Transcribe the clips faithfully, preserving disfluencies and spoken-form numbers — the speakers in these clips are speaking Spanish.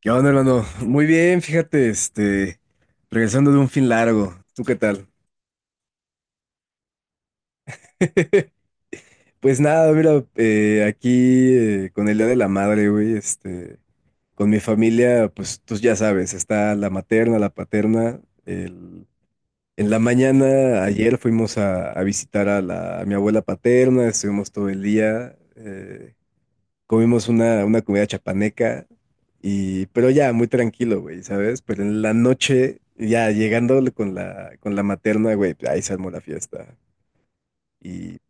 ¿Qué onda, hermano? Muy bien, fíjate, este, regresando de un fin largo. ¿Tú qué tal? Pues nada, mira, eh, aquí eh, con el Día de la Madre, güey, este, con mi familia, pues tú ya sabes, está la materna, la paterna. el- En la mañana, ayer fuimos a, a visitar a, la, a mi abuela paterna, estuvimos todo el día. eh, comimos una, una comida chapaneca, y, pero ya muy tranquilo, güey, ¿sabes? Pero en la noche, ya llegando con la, con la materna, güey, pues, ahí se armó la fiesta. Y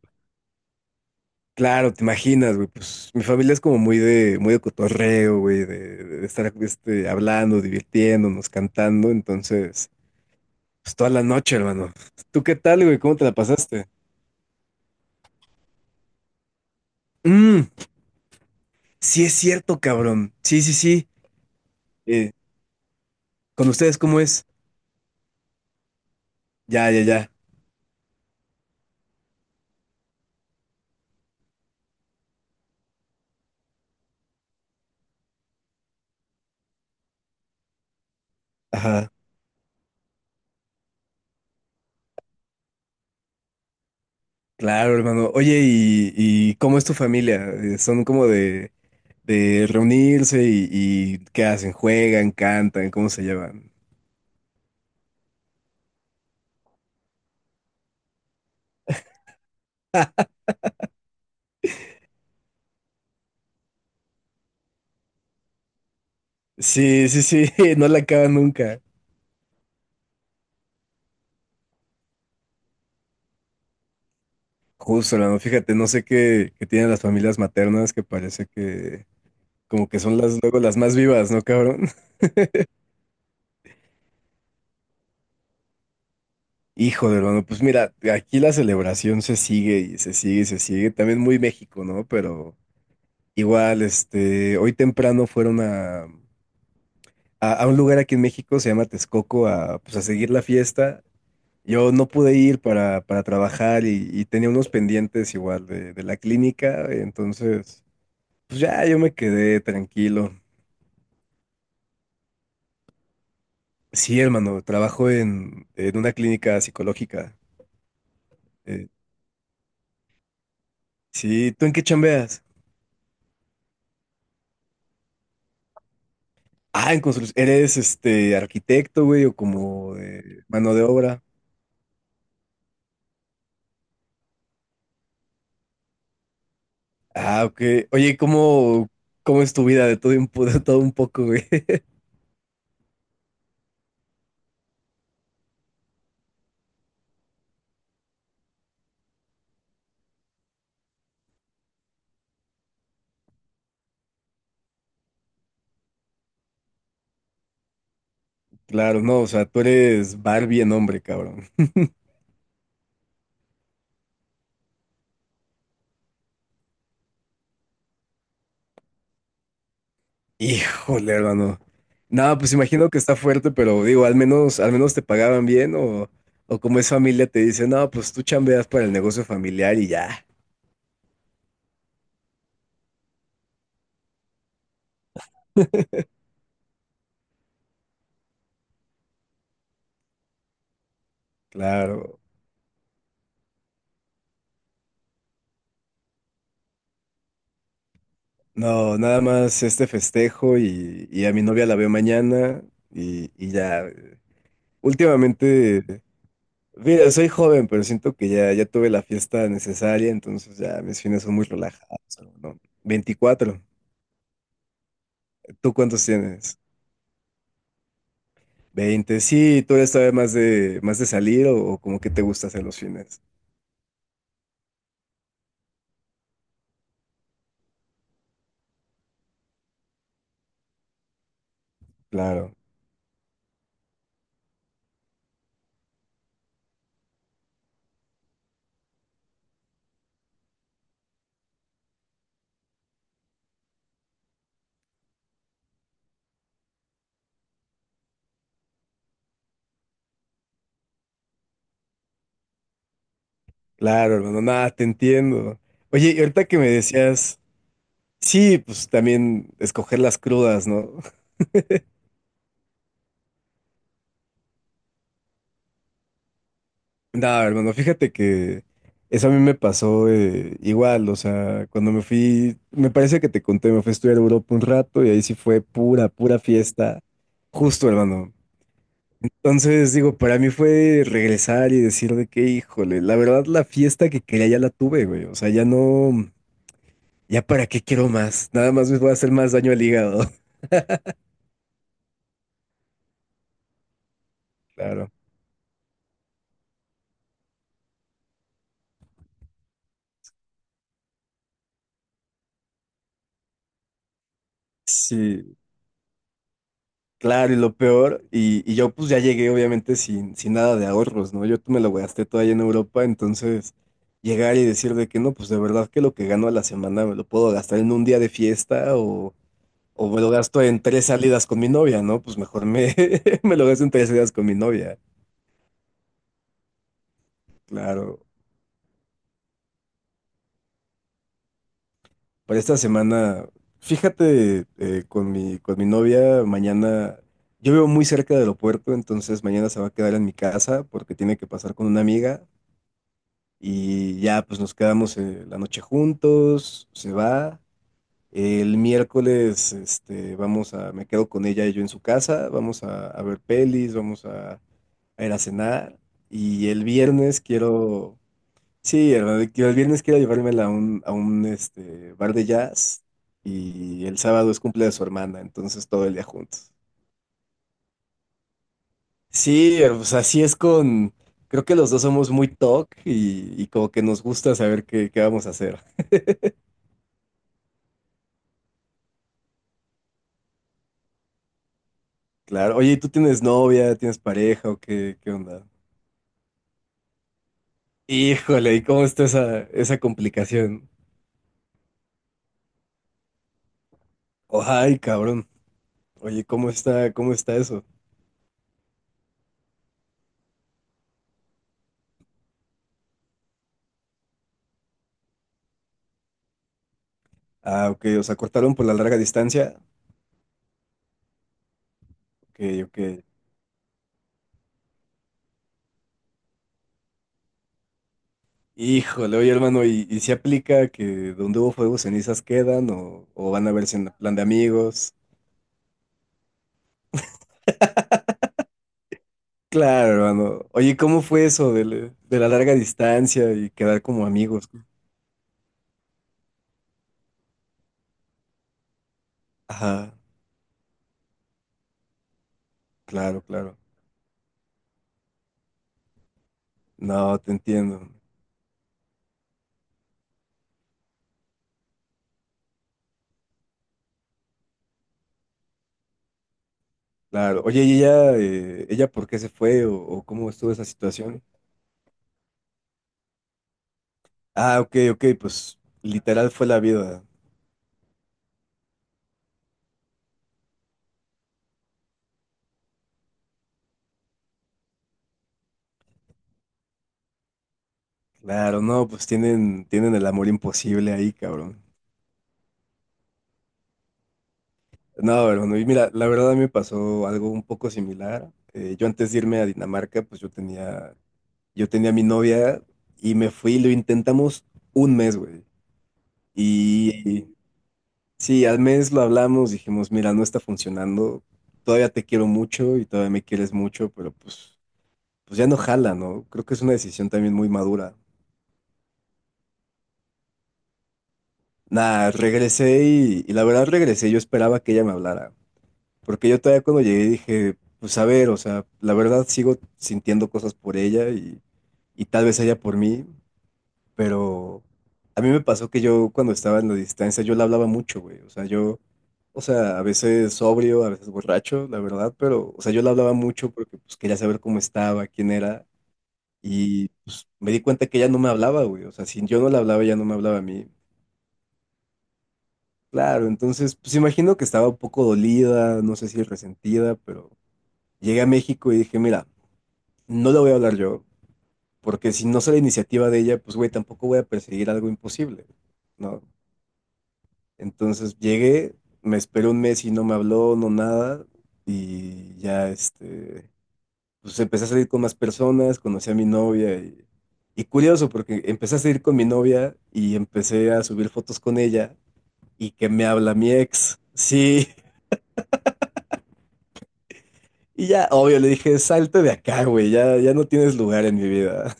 claro, te imaginas, güey, pues mi familia es como muy de, muy de cotorreo, güey, de, de estar este, hablando, divirtiéndonos, cantando, entonces, pues toda la noche, hermano. ¿Tú qué tal, güey? ¿Cómo te la pasaste? Mm, sí es cierto, cabrón. Sí, sí, sí. Eh, ¿con ustedes cómo es? Ya, ya, ya. Ajá. Claro, hermano. Oye, ¿y, y cómo es tu familia? Eh, ¿Son como de, de reunirse y, y qué hacen? ¿Juegan? ¿Cantan? ¿Cómo se llevan? Sí, sí, sí, no la acaban nunca. Justo, hermano. Fíjate, no sé qué, qué tienen las familias maternas que parece que como que son las luego las más vivas, ¿no, cabrón? Hijo de hermano, pues mira, aquí la celebración se sigue y se sigue y se sigue. También muy México, ¿no? Pero igual, este, hoy temprano fueron a... a, a un lugar aquí en México, se llama Texcoco, a, pues, a seguir la fiesta. Yo no pude ir para, para trabajar y, y tenía unos pendientes igual de, de la clínica, entonces, pues ya yo me quedé tranquilo. Sí, hermano, trabajo en, en una clínica psicológica. Eh, sí, ¿tú en qué chambeas? Ah, en construcción. ¿Eres este arquitecto, güey, o como de mano de obra? Ah, ok. Oye, ¿cómo, cómo es tu vida de todo un, po- de todo un poco, güey? Claro, no, o sea, tú eres Barbie en hombre, cabrón. Híjole, hermano. No, pues imagino que está fuerte, pero digo, al menos, al menos te pagaban bien o, o como es familia te dicen, no, pues tú chambeas para el negocio familiar y ya. Claro. No, nada más este festejo y, y a mi novia la veo mañana y, y ya. eh, Últimamente, mira, soy joven, pero siento que ya, ya tuve la fiesta necesaria, entonces ya mis fines son muy relajados, ¿no? Veinticuatro. ¿Tú cuántos tienes? Veinte, sí, tú eres todavía más de, más de salir o, o como que te gusta hacer los fines. Claro, claro, hermano, nada, te entiendo. Oye, y ahorita que me decías, sí, pues también escoger las crudas, ¿no? Nada, hermano, fíjate que eso a mí me pasó eh, igual, o sea, cuando me fui, me parece que te conté, me fui a estudiar a Europa un rato y ahí sí fue pura, pura fiesta. Justo, hermano. Entonces, digo, para mí fue regresar y decir de que, híjole, la verdad la fiesta que quería ya la tuve, güey. O sea, ya no, ya para qué quiero más. Nada más me voy a hacer más daño al hígado. Claro. Sí, claro, y lo peor, y, y yo pues ya llegué obviamente sin, sin nada de ahorros, ¿no? Yo me lo gasté todo allá en Europa, entonces llegar y decir de que no, pues de verdad que lo que gano a la semana me lo puedo gastar en un día de fiesta o, o me lo gasto en tres salidas con mi novia, ¿no? Pues mejor me, me lo gasto en tres salidas con mi novia. Claro, para esta semana, fíjate, eh, con mi, con mi novia, mañana, yo vivo muy cerca del aeropuerto, entonces mañana se va a quedar en mi casa porque tiene que pasar con una amiga y ya pues nos quedamos eh, la noche juntos, se va. El miércoles, este, vamos a, me quedo con ella y yo en su casa, vamos a, a ver pelis, vamos a, a ir a cenar y el viernes quiero... Sí, hermano, de que el viernes quiero llevármela a un, a un este, bar de jazz y el sábado es cumple de su hermana, entonces todo el día juntos. Sí, eh, pues así es con, creo que los dos somos muy talk y, y como que nos gusta saber qué, qué vamos a hacer. Claro, oye, ¿y ¿tú tienes novia, tienes pareja o qué, qué onda? Híjole, ¿y cómo está esa, esa complicación? Ay, cabrón. Oye, ¿cómo está, cómo está eso? Ah, ok, o sea, cortaron por la larga distancia. Ok, ok. Híjole, oye hermano, ¿y, y si aplica que donde hubo fuego cenizas quedan o, o van a verse en plan de amigos? Claro, hermano. Oye, ¿cómo fue eso de, la de la larga distancia y quedar como amigos? Ajá, claro, claro. No, te entiendo. Claro. Oye, ¿y ella, eh, ella por qué se fue o, o cómo estuvo esa situación? Ah, ok, ok, pues literal fue la vida. Claro, no, pues tienen, tienen el amor imposible ahí, cabrón. No, hermano, y mira, la verdad a mí me pasó algo un poco similar. Eh, yo antes de irme a Dinamarca, pues yo tenía, yo tenía a mi novia y me fui, lo intentamos un mes, güey. Y, sí, al mes lo hablamos, dijimos, mira, no está funcionando, todavía te quiero mucho y todavía me quieres mucho, pero pues, pues ya no jala, ¿no? Creo que es una decisión también muy madura. Nada, regresé y, y la verdad regresé, yo esperaba que ella me hablara. Porque yo todavía cuando llegué dije, pues a ver, o sea, la verdad sigo sintiendo cosas por ella y, y tal vez ella por mí, pero a mí me pasó que yo cuando estaba en la distancia yo la hablaba mucho, güey, o sea, yo, o sea, a veces sobrio, a veces borracho, la verdad, pero, o sea, yo la hablaba mucho porque pues quería saber cómo estaba, quién era y pues me di cuenta que ella no me hablaba, güey, o sea, si yo no la hablaba, ella no me hablaba a mí. Claro, entonces, pues imagino que estaba un poco dolida, no sé si resentida, pero llegué a México y dije, mira, no la voy a hablar yo, porque si no sale iniciativa de ella, pues güey, tampoco voy a perseguir algo imposible, ¿no? Entonces llegué, me esperé un mes y no me habló, no nada, y ya este, pues empecé a salir con más personas, conocí a mi novia y, y curioso, porque empecé a salir con mi novia y empecé a subir fotos con ella y que me habla mi ex, sí, y ya, obvio, le dije, salte de acá, güey, ya, ya no tienes lugar en mi vida.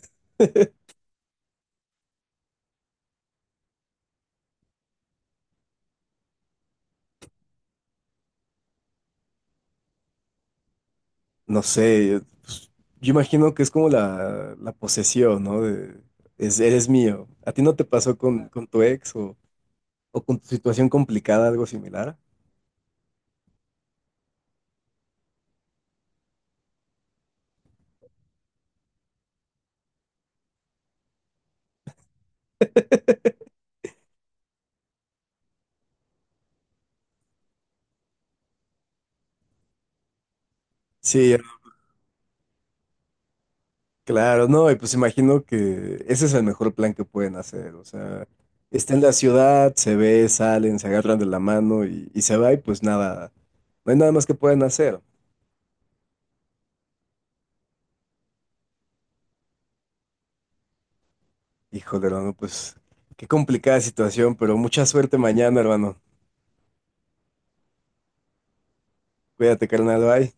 No sé, yo, pues, yo imagino que es como la, la posesión, ¿no? De, es, eres mío. ¿A ti no te pasó con, con tu ex o, o con tu situación complicada algo similar? Sí, claro, no, y pues imagino que ese es el mejor plan que pueden hacer, o sea, está en la ciudad, se ve, salen, se agarran de la mano y, y se va y pues nada, no hay nada más que pueden hacer. Híjole, hermano, pues qué complicada situación, pero mucha suerte mañana, hermano. Cuídate, carnal, bye.